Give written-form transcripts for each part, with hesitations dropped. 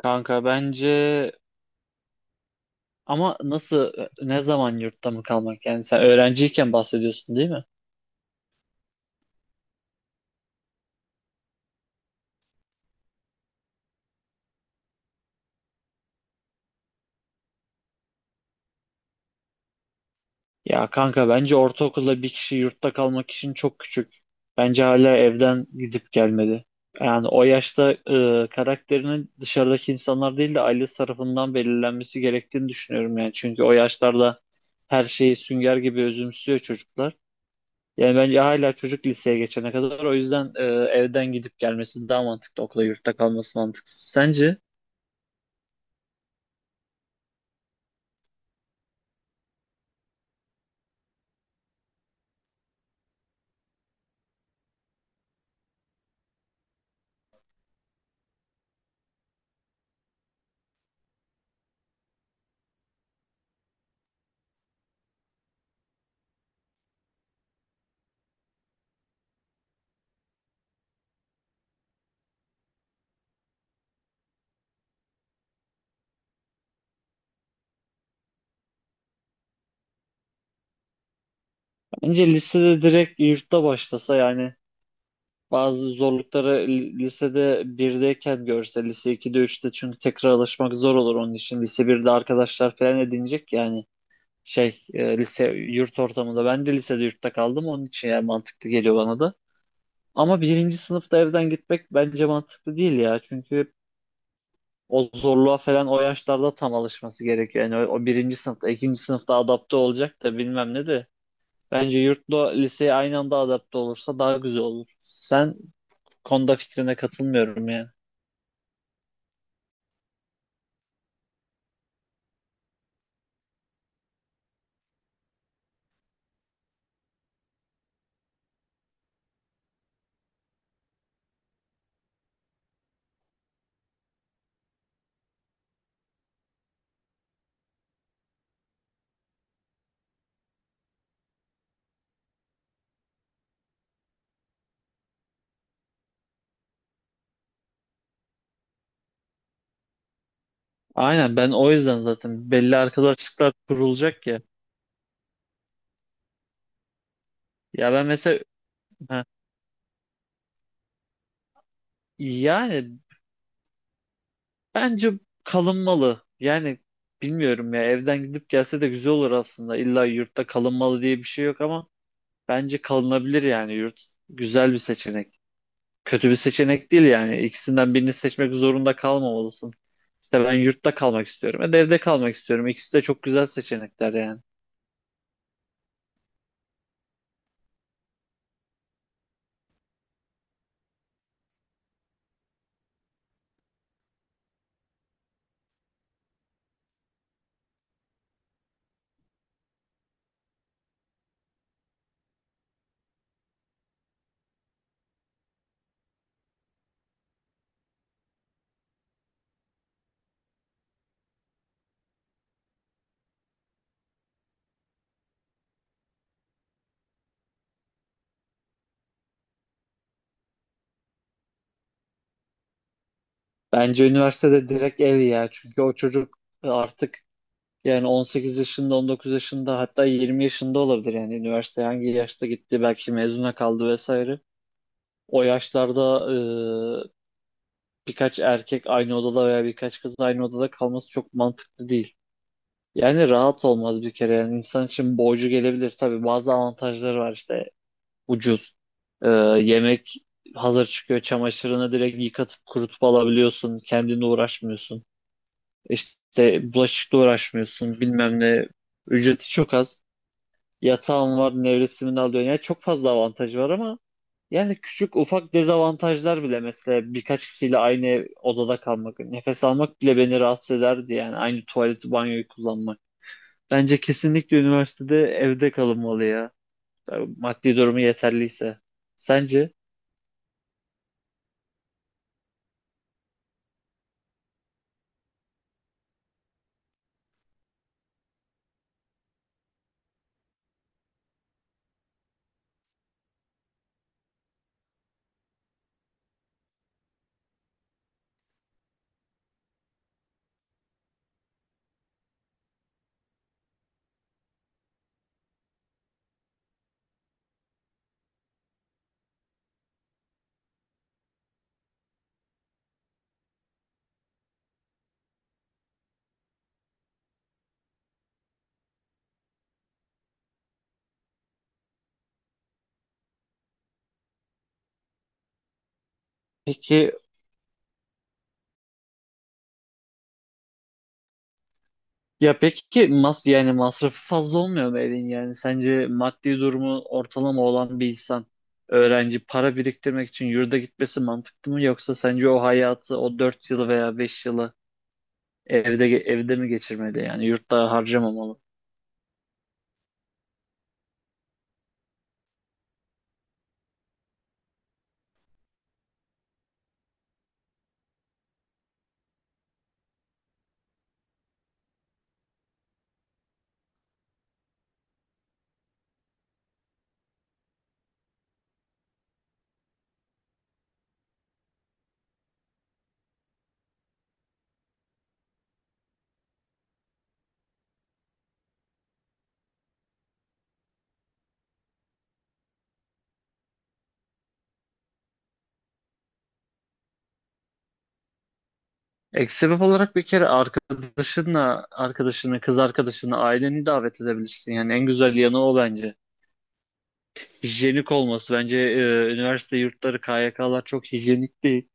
Kanka bence ama nasıl ne zaman yurtta mı kalmak? Yani sen öğrenciyken bahsediyorsun değil mi? Ya kanka bence ortaokulda bir kişi yurtta kalmak için çok küçük. Bence hala evden gidip gelmedi. Yani o yaşta karakterinin dışarıdaki insanlar değil de ailesi tarafından belirlenmesi gerektiğini düşünüyorum yani. Çünkü o yaşlarda her şeyi sünger gibi özümsüyor çocuklar. Yani bence hala çocuk liseye geçene kadar o yüzden evden gidip gelmesi daha mantıklı, okula yurtta kalması mantıksız. Sence? Bence lisede direkt yurtta başlasa, yani bazı zorlukları lisede 1'deyken görse, lise 2'de üçte çünkü tekrar alışmak zor olur onun için. Lise birde arkadaşlar falan edinecek yani lise yurt ortamında. Ben de lisede yurtta kaldım onun için, yani mantıklı geliyor bana da. Ama birinci sınıfta evden gitmek bence mantıklı değil ya. Çünkü o zorluğa falan o yaşlarda tam alışması gerekiyor. Yani o birinci sınıfta, ikinci sınıfta adapte olacak da bilmem ne de. Bence yurtla liseye aynı anda adapte olursa daha güzel olur. Sen bu konuda fikrine katılmıyorum yani. Aynen, ben o yüzden zaten belli arkadaşlıklar kurulacak ya. Ya ben mesela ha, yani bence kalınmalı. Yani bilmiyorum ya, evden gidip gelse de güzel olur aslında. İlla yurtta kalınmalı diye bir şey yok ama bence kalınabilir yani yurt. Güzel bir seçenek. Kötü bir seçenek değil yani. İkisinden birini seçmek zorunda kalmamalısın. İşte ben yurtta kalmak istiyorum. E de evde kalmak istiyorum. İkisi de çok güzel seçenekler yani. Bence üniversitede direkt ev ya. Çünkü o çocuk artık yani 18 yaşında, 19 yaşında, hatta 20 yaşında olabilir. Yani üniversiteye hangi yaşta gitti, belki mezuna kaldı vesaire. O yaşlarda birkaç erkek aynı odada veya birkaç kız aynı odada kalması çok mantıklı değil. Yani rahat olmaz bir kere yani, insan için borcu gelebilir. Tabii bazı avantajları var, işte ucuz. Yemek hazır çıkıyor, çamaşırını direkt yıkatıp kurutup alabiliyorsun, kendinle uğraşmıyorsun, işte bulaşıkla uğraşmıyorsun bilmem ne, ücreti çok az, yatağın var nevresimini alıyorsun, yani çok fazla avantajı var. Ama yani küçük ufak dezavantajlar bile, mesela birkaç kişiyle aynı odada kalmak, nefes almak bile beni rahatsız ederdi yani, aynı tuvaleti banyoyu kullanmak. Bence kesinlikle üniversitede evde kalınmalı ya. Maddi durumu yeterliyse. Sence? Peki ya peki yani masrafı fazla olmuyor mu evin yani? Sence maddi durumu ortalama olan bir insan, öğrenci, para biriktirmek için yurda gitmesi mantıklı mı, yoksa sence o hayatı, o 4 yılı veya 5 yılı evde mi geçirmeli yani, yurtta harcamamalı? Ek sebep olarak, bir kere arkadaşınla, arkadaşını, kız arkadaşını, aileni davet edebilirsin. Yani en güzel yanı o bence. Hijyenik olması. Bence üniversite yurtları, KYK'lar çok hijyenik değil.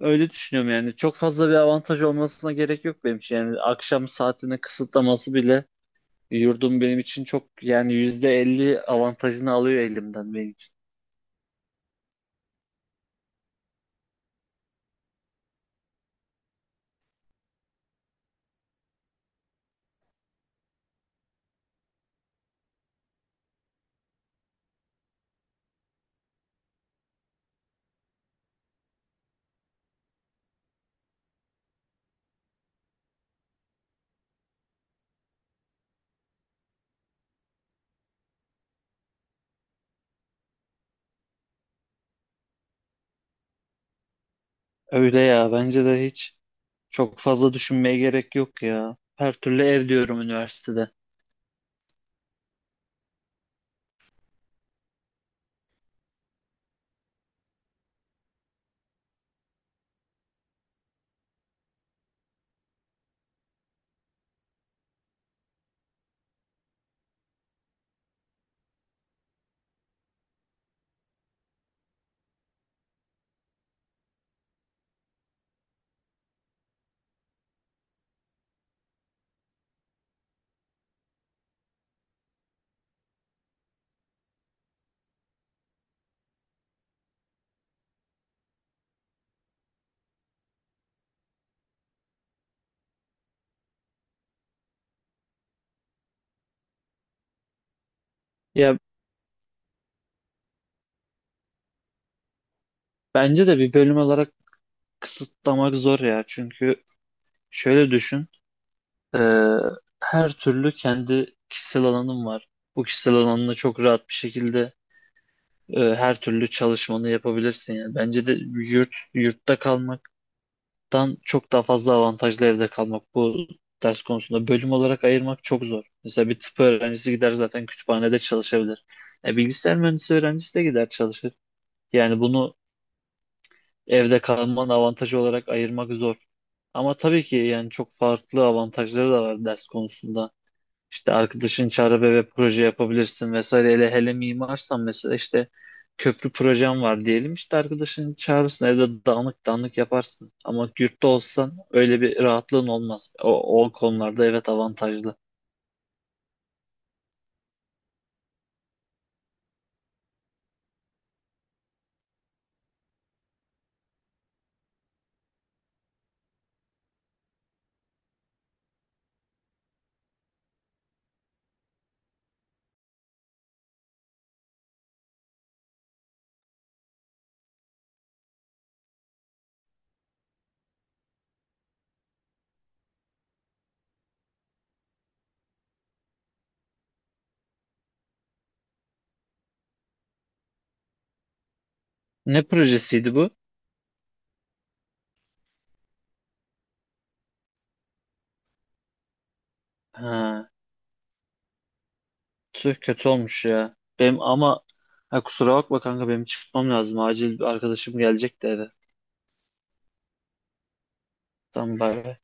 Öyle düşünüyorum yani. Çok fazla bir avantaj olmasına gerek yok benim için. Yani akşam saatini kısıtlaması bile, yurdum benim için çok, yani %50 avantajını alıyor elimden benim için. Öyle ya, bence de hiç çok fazla düşünmeye gerek yok ya. Her türlü ev diyorum üniversitede. Ya bence de bir bölüm olarak kısıtlamak zor ya. Çünkü şöyle düşün. Ee, Her türlü kendi kişisel alanım var. Bu kişisel alanında çok rahat bir şekilde her türlü çalışmanı yapabilirsin. Yani bence de yurtta kalmaktan çok daha fazla avantajlı evde kalmak. Bu ders konusunda bölüm olarak ayırmak çok zor. Mesela bir tıp öğrencisi gider zaten kütüphanede çalışabilir. E, bilgisayar mühendisi öğrencisi de gider çalışır. Yani bunu evde kalmanın avantajı olarak ayırmak zor. Ama tabii ki yani çok farklı avantajları da var ders konusunda. İşte arkadaşın çağrı ve proje yapabilirsin vesaire. Hele hele mimarsan mesela, işte köprü projem var diyelim. İşte arkadaşın çağırırsın, evde dağınık dağınık yaparsın. Ama yurtta olsan öyle bir rahatlığın olmaz. O konularda evet avantajlı. Ne projesiydi bu? Ha, tüh kötü olmuş ya. Benim ama ha, kusura bakma kanka, benim çıkmam lazım. Acil bir arkadaşım gelecek de eve. Tamam, bay bay.